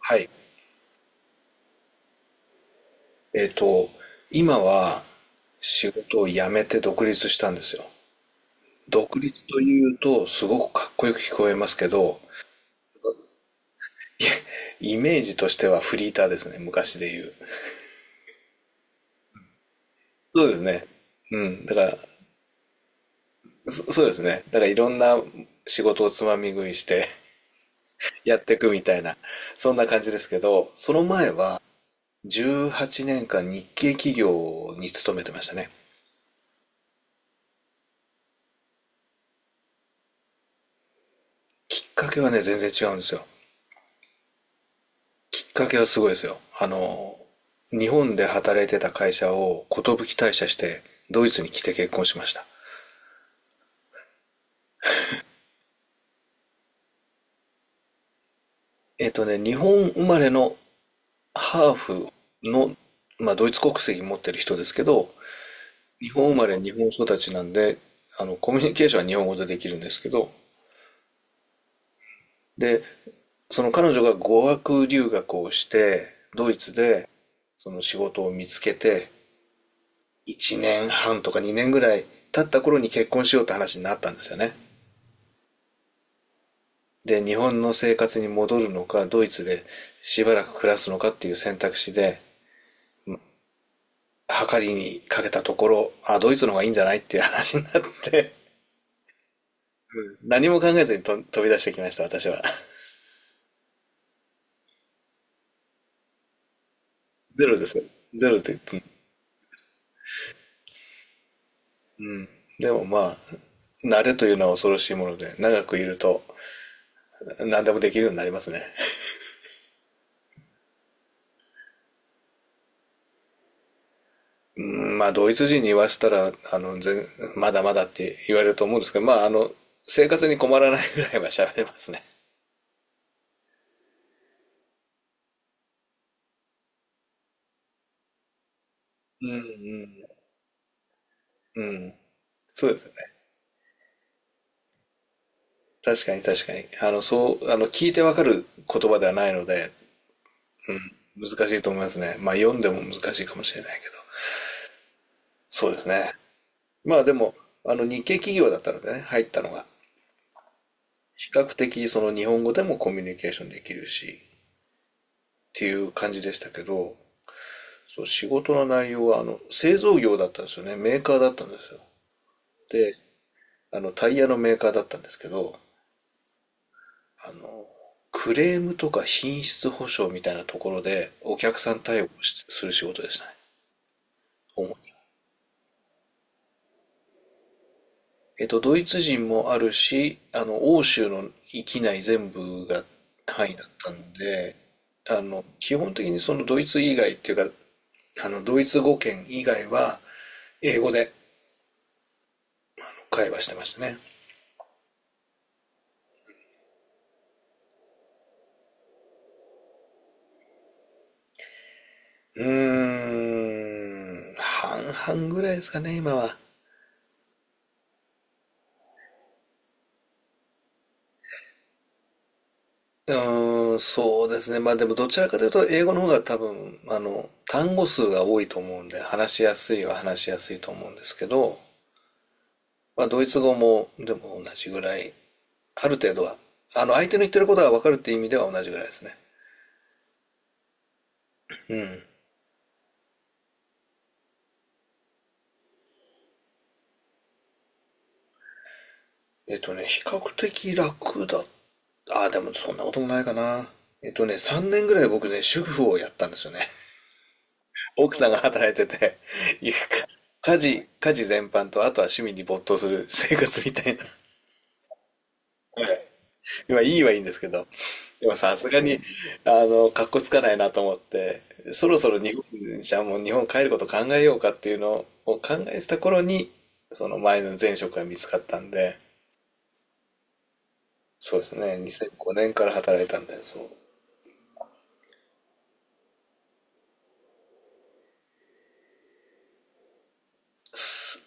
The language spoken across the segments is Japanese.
はい。えっと、今は仕事を辞めて独立したんですよ。独立というとすごくかっこよく聞こえますけど、イメージとしてはフリーターですね、昔で言う。そうですね。うん。だから、そ、そうですね。だからいろんな仕事をつまみ食いして やっていくみたいな、そんな感じですけど、その前は18年間日系企業に勤めてましたね。きっかけはね、全然違うんですよ。きっかけはすごいですよ。日本で働いてた会社を寿退社して、ドイツに来て結婚しました。えっとね、日本生まれのハーフの、まあ、ドイツ国籍持ってる人ですけど、日本生まれ、日本育ちなんで、コミュニケーションは日本語でできるんですけど、で、その彼女が語学留学をして、ドイツで、その仕事を見つけて、1年半とか2年ぐらい経った頃に結婚しようって話になったんですよね。で、日本の生活に戻るのか、ドイツでしばらく暮らすのかっていう選択肢で、計りにかけたところ、あ、ドイツの方がいいんじゃないっていう話になって 何も考えずにと飛び出してきました、私は。ゼロですよ。ゼロで。でもまあ、慣れというのは恐ろしいもので、長くいると何でもできるようになりますね。うん、まあ、ドイツ人に言わせたら、まだまだって言われると思うんですけど、まあ、生活に困らないぐらいは喋れますね。うん。そうですね。確かに確かに。聞いてわかる言葉ではないので、難しいと思いますね。まあ、読んでも難しいかもしれないけど。そうですね。まあ、でも、日系企業だったのでね、入ったのが。比較的、その日本語でもコミュニケーションできるし、っていう感じでしたけど、そう、仕事の内容は、製造業だったんですよね。メーカーだったんですよ。で、あの、タイヤのメーカーだったんですけど、あの、クレームとか品質保証みたいなところで、お客さん対応をしする仕事でしたね。主に。えっと、ドイツ人もあるし、欧州の域内全部が範囲だったんで、基本的にそのドイツ以外っていうか、あの、ドイツ語圏以外は、英語で会話してましたね。うーん、半々ぐらいですかね、今は。うーん、そうですね。まあでもどちらかというと英語の方が多分、単語数が多いと思うんで、話しやすいは話しやすいと思うんですけど、まあ、ドイツ語もでも同じぐらい、ある程度は、相手の言ってることが分かるっていう意味では同じぐらいですね。えっとね、比較的楽だ。ああ、でもそんなこともないかな。えっとね、3年ぐらい僕ね、主婦をやったんですよね。奥さんが働いてて、いうか、家事全般と、あとは趣味に没頭する生活みたいな。今いいはいいんですけど、でもさすがに、かっこつかないなと思って、そろそろ日本、じゃあもう日本帰ること考えようかっていうのを考えてた頃に、その前の前職が見つかったんで、そうですね、2005年から働いたんで、そう。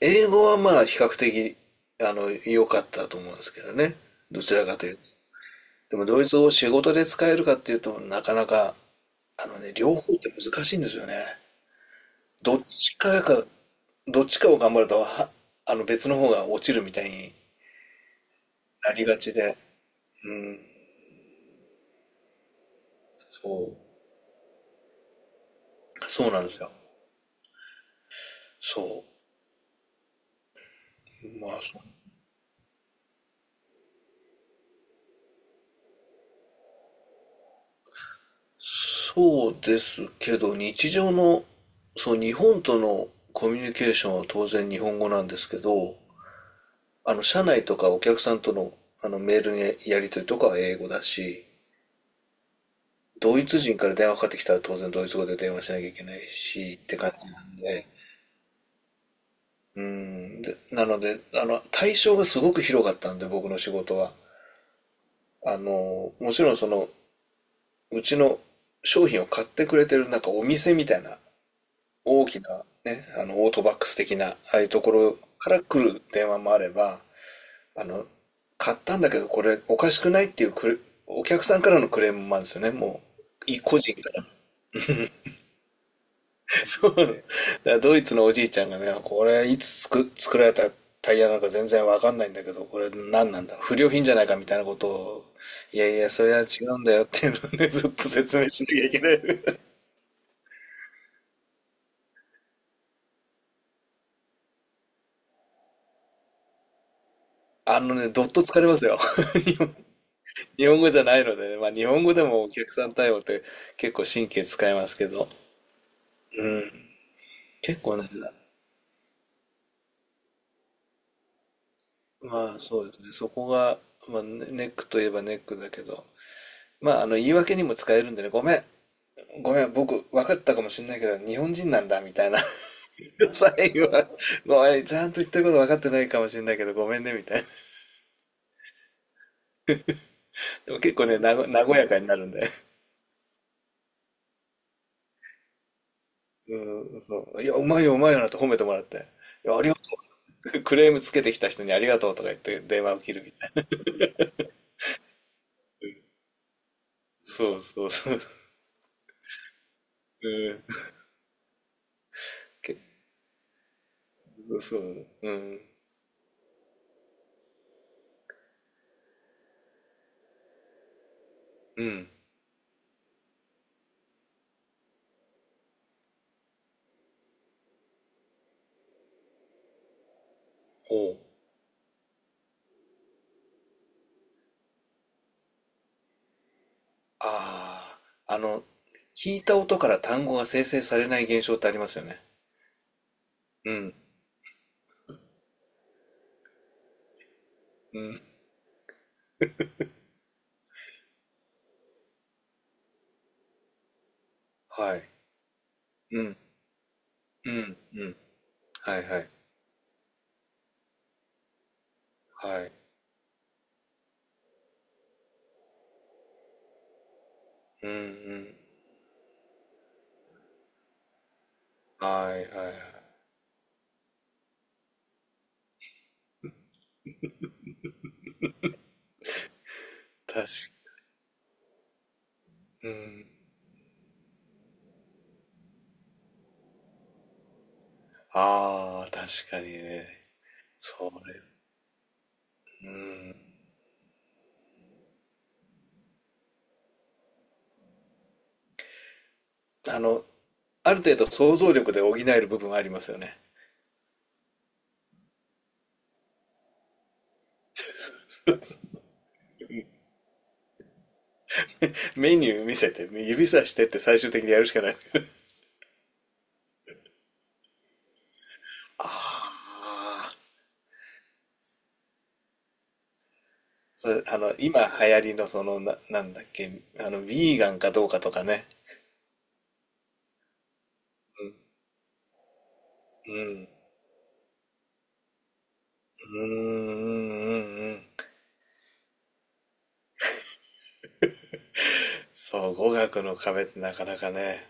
英語はまあ比較的、良かったと思うんですけどね。どちらかというと。でもドイツ語を仕事で使えるかっていうとなかなか、あのね、両方って難しいんですよね。どっちかが、どっちかを頑張ると、は、あの別の方が落ちるみたいになりがちで、そう。そうなんですよ。そう。まあ、そそうですけど、日常の、そう、日本とのコミュニケーションは当然日本語なんですけど、社内とかお客さんとの、メールのやり取りとかは英語だし、ドイツ人から電話かかってきたら当然ドイツ語で電話しなきゃいけないし、って感じなんで、うで、なので、対象がすごく広かったんで、僕の仕事は。もちろんその、うちの商品を買ってくれてるなんかお店みたいな、大きなね、オートバックス的な、ああいうところから来る電話もあれば、あの、買ったんだけどこれおかしくないっていうお客さんからのクレームもあるんですよね、もう。個人から。そう。だからドイツのおじいちゃんがね、これいつ作、作られたタイヤなのか全然わかんないんだけど、これ何なんだ不良品じゃないかみたいなことを、いやいや、それは違うんだよっていうのをね、ずっと説明しなきゃいけない。あのね、どっと疲れますよ。日本語じゃないのでね、まあ日本語でもお客さん対応って結構神経使いますけど、うん。結構ね、まあそうですね、そこが、まあ、ネックといえばネックだけど、言い訳にも使えるんでね、ごめん、ごめん、僕、分かったかもしれないけど、日本人なんだ、みたいな。最後は、ごめん、ちゃんと言ってること分かってないかもしれないけど、ごめんね、みたいな。でも結構ね、和やかになるんで。うん、そう。いや、うまいよ、うまいよなって褒めてもらって。いや、ありがとう。クレームつけてきた人にありがとうとか言って電話を切るみたいな。そうそうそう。うん。け、そうそう。うん。うん。ほう。ああ、あの、聞いた音から単語が生成されない現象ってありますよね。うん。はい。うん。うん、うん。はいはい。はい。うんうん。はいはいはい。確かうん。ああ、確かにね。それ、うん。あの、ある程度想像力で補える部分はありますよね。メニュー見せて、指さしてって最終的にやるしかない。ああ。それ、あの、今流行りのその、なんだっけ、ビーガンかどうかとかね。うん。うんうんうんうん。そう、語学の壁ってなかなかね。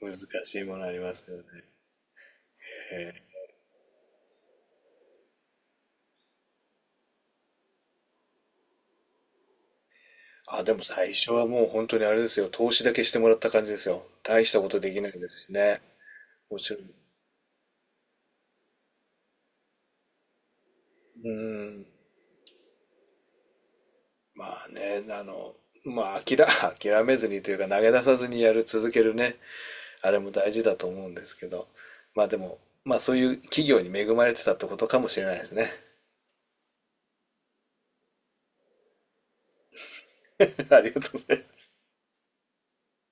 難しいものありますよね。えーあ、でも最初はもう本当にあれですよ。投資だけしてもらった感じですよ。大したことできないですしね。もちろん。うん。まあね、あの、まあ諦、諦めずにというか投げ出さずにやる、続けるね。あれも大事だと思うんですけど。まあでも、まあそういう企業に恵まれてたってことかもしれないですね。ありがとうございます。